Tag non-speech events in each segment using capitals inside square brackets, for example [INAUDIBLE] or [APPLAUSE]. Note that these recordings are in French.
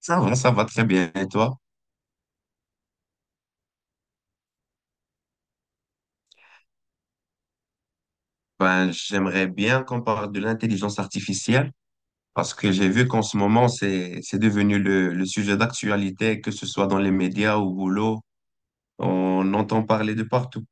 Ça va très bien. Et toi? Ben, j'aimerais bien qu'on parle de l'intelligence artificielle parce que j'ai vu qu'en ce moment, c'est devenu le sujet d'actualité, que ce soit dans les médias ou au boulot. On entend parler de partout.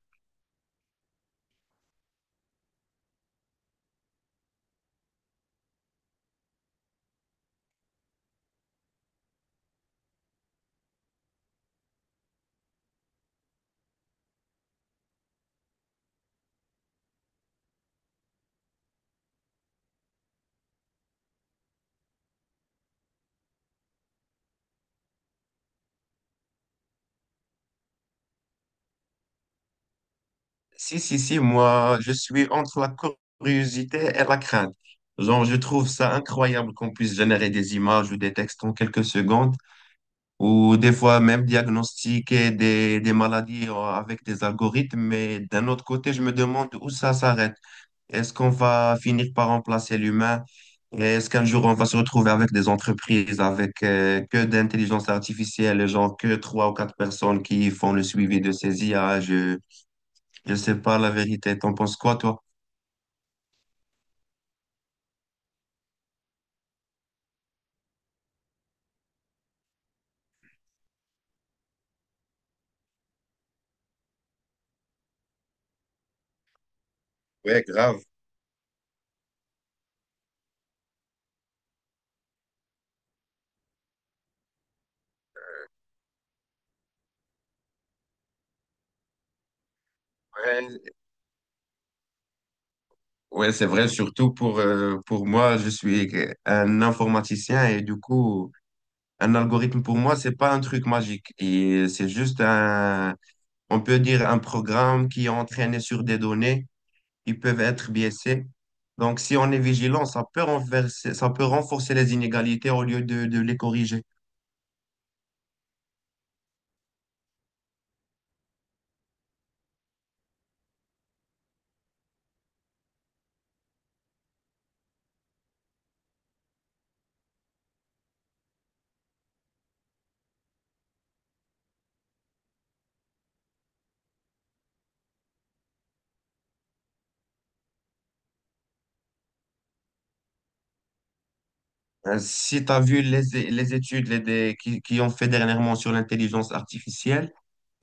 Si, si, si, moi, je suis entre la curiosité et la crainte. Genre, je trouve ça incroyable qu'on puisse générer des images ou des textes en quelques secondes ou des fois même diagnostiquer des maladies avec des algorithmes, mais d'un autre côté, je me demande où ça s'arrête. Est-ce qu'on va finir par remplacer l'humain? Est-ce qu'un jour on va se retrouver avec des entreprises avec que d'intelligence artificielle, genre que trois ou quatre personnes qui font le suivi de ces IA? Je ne sais pas la vérité. T'en penses quoi, toi? Ouais, grave. Ouais, ouais, c'est vrai, surtout pour moi, je suis un informaticien et du coup, un algorithme pour moi, c'est pas un truc magique. Et c'est juste un, on peut dire un programme qui est entraîné sur des données qui peuvent être biaisées. Donc, si on est vigilant, ça peut renverser, ça peut renforcer les inégalités au lieu de les corriger. Si tu as vu les, qui ont fait dernièrement sur l'intelligence artificielle,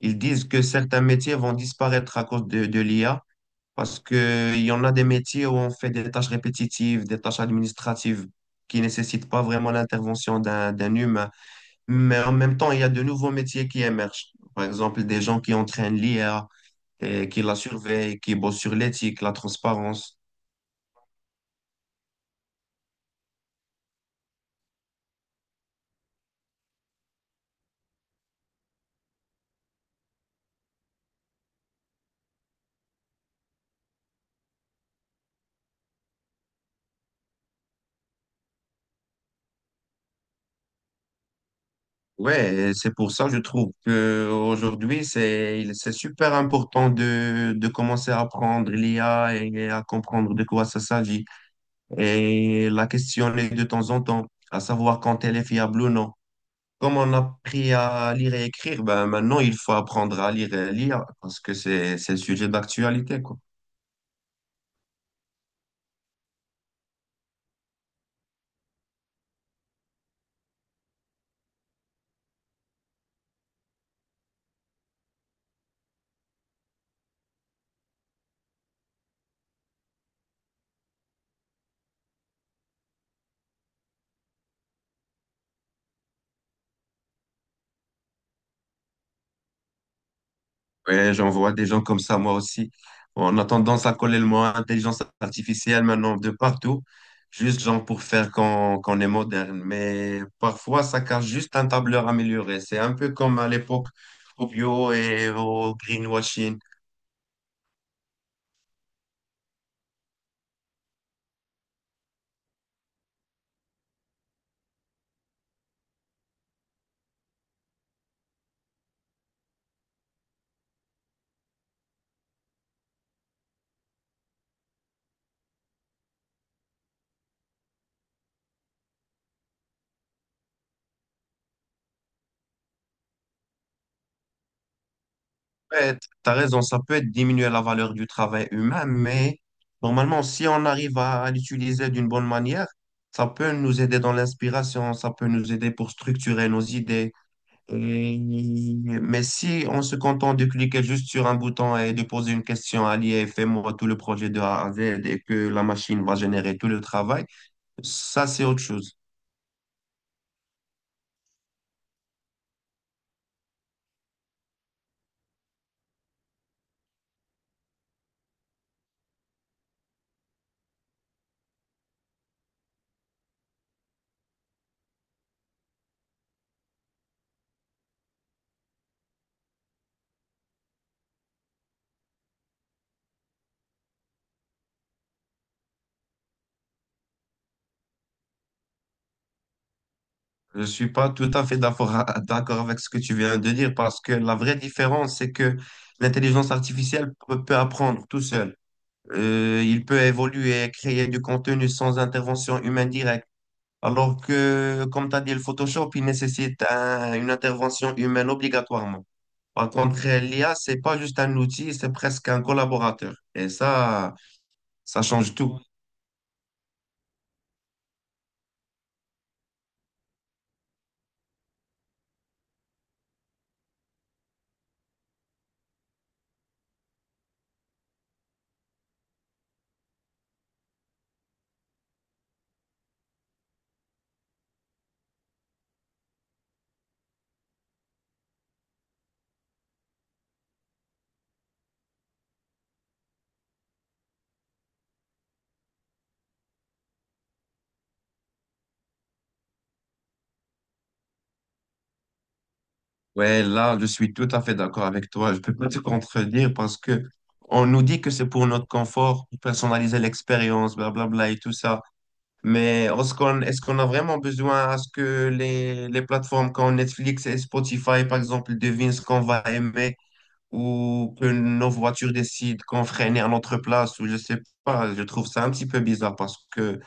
ils disent que certains métiers vont disparaître à cause de l'IA parce que il y en a des métiers où on fait des tâches répétitives, des tâches administratives qui nécessitent pas vraiment l'intervention d'un humain. Mais en même temps, il y a de nouveaux métiers qui émergent. Par exemple, des gens qui entraînent l'IA et qui la surveillent, qui bossent sur l'éthique, la transparence. Ouais, et c'est pour ça que je trouve que aujourd'hui c'est super important de commencer à apprendre l'IA et à comprendre de quoi ça s'agit et la questionner de temps en temps, à savoir quand elle est fiable ou non. Comme on a appris à lire et écrire, ben maintenant il faut apprendre à lire et à lire parce que c'est le sujet d'actualité, quoi. Ouais, j'en vois des gens comme ça, moi aussi. On a tendance à coller le mot intelligence artificielle maintenant de partout, juste genre pour faire qu'on est moderne. Mais parfois, ça cache juste un tableur amélioré. C'est un peu comme à l'époque au bio et au greenwashing. Ouais, t'as raison, ça peut être diminuer la valeur du travail humain, mais normalement, si on arrive à l'utiliser d'une bonne manière, ça peut nous aider dans l'inspiration, ça peut nous aider pour structurer nos idées. Et- mais si on se contente de cliquer juste sur un bouton et de poser une question à l'IA et fais-moi tout le projet de A à Z et que la machine va générer tout le travail, ça c'est autre chose. Je suis pas tout à fait d'accord [LAUGHS] d'accord avec ce que tu viens de dire parce que la vraie différence, c'est que l'intelligence artificielle peut apprendre tout seul. Il peut évoluer et créer du contenu sans intervention humaine directe. Alors que, comme tu as dit, le Photoshop, il nécessite une intervention humaine obligatoirement. Par contre, l'IA, c'est pas juste un outil, c'est presque un collaborateur. Et ça change tout. Ouais, là, je suis tout à fait d'accord avec toi. Je peux pas te contredire parce que on nous dit que c'est pour notre confort, pour personnaliser l'expérience, blablabla et tout ça. Mais est-ce qu'on a vraiment besoin à ce que les plateformes comme Netflix et Spotify, par exemple, devinent ce qu'on va aimer ou que nos voitures décident qu'on freine à notre place ou je sais pas. Je trouve ça un petit peu bizarre parce que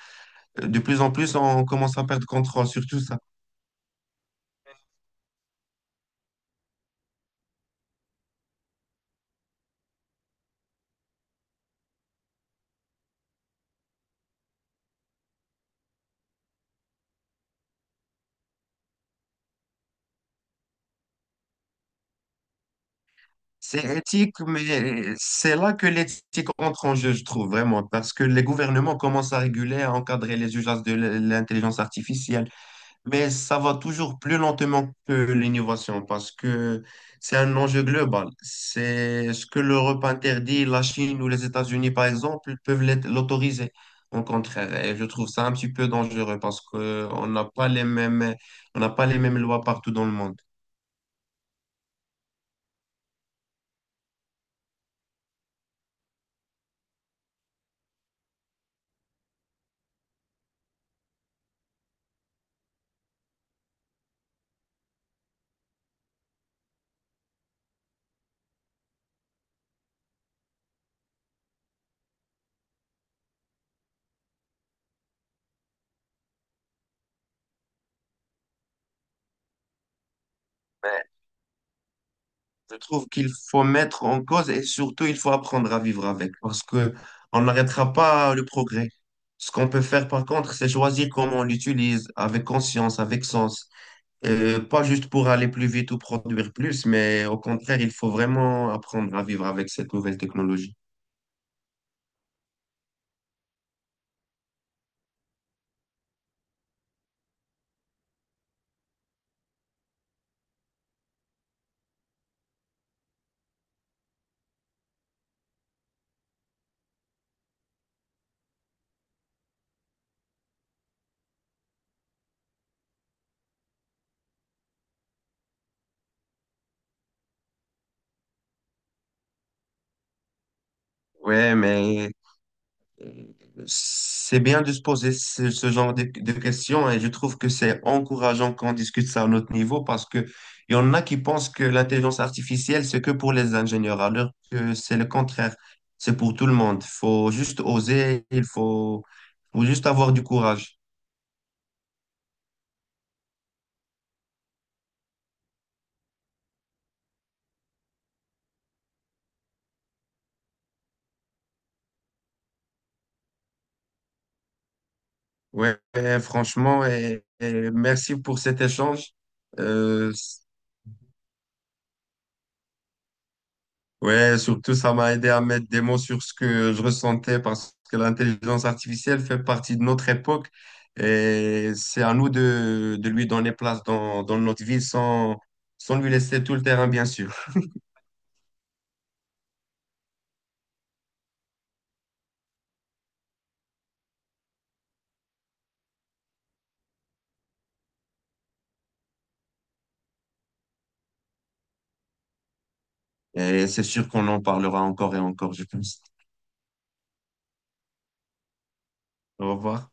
de plus en plus, on commence à perdre contrôle sur tout ça. C'est éthique, mais c'est là que l'éthique entre en jeu, je trouve vraiment, parce que les gouvernements commencent à réguler, à encadrer les usages de l'intelligence artificielle, mais ça va toujours plus lentement que l'innovation, parce que c'est un enjeu global. C'est ce que l'Europe interdit, la Chine ou les États-Unis, par exemple, peuvent l'autoriser. Au contraire, et je trouve ça un petit peu dangereux parce que on n'a pas les mêmes, on n'a pas les mêmes lois partout dans le monde. Je trouve qu'il faut mettre en cause et surtout il faut apprendre à vivre avec parce que on n'arrêtera pas le progrès. Ce qu'on peut faire par contre, c'est choisir comment on l'utilise avec conscience, avec sens, pas juste pour aller plus vite ou produire plus, mais au contraire, il faut vraiment apprendre à vivre avec cette nouvelle technologie. Ouais, mais c'est bien de se poser ce genre de questions et je trouve que c'est encourageant qu'on discute ça à notre niveau parce que il y en a qui pensent que l'intelligence artificielle, c'est que pour les ingénieurs, alors que c'est le contraire. C'est pour tout le monde. Faut juste oser, faut juste avoir du courage. Ouais, franchement, et merci pour cet échange. Euh, Ouais, surtout, ça m'a aidé à mettre des mots sur ce que je ressentais parce que l'intelligence artificielle fait partie de notre époque et c'est à nous de lui donner place dans, dans notre vie sans, sans lui laisser tout le terrain, bien sûr. Et c'est sûr qu'on en parlera encore et encore, je pense. Au revoir.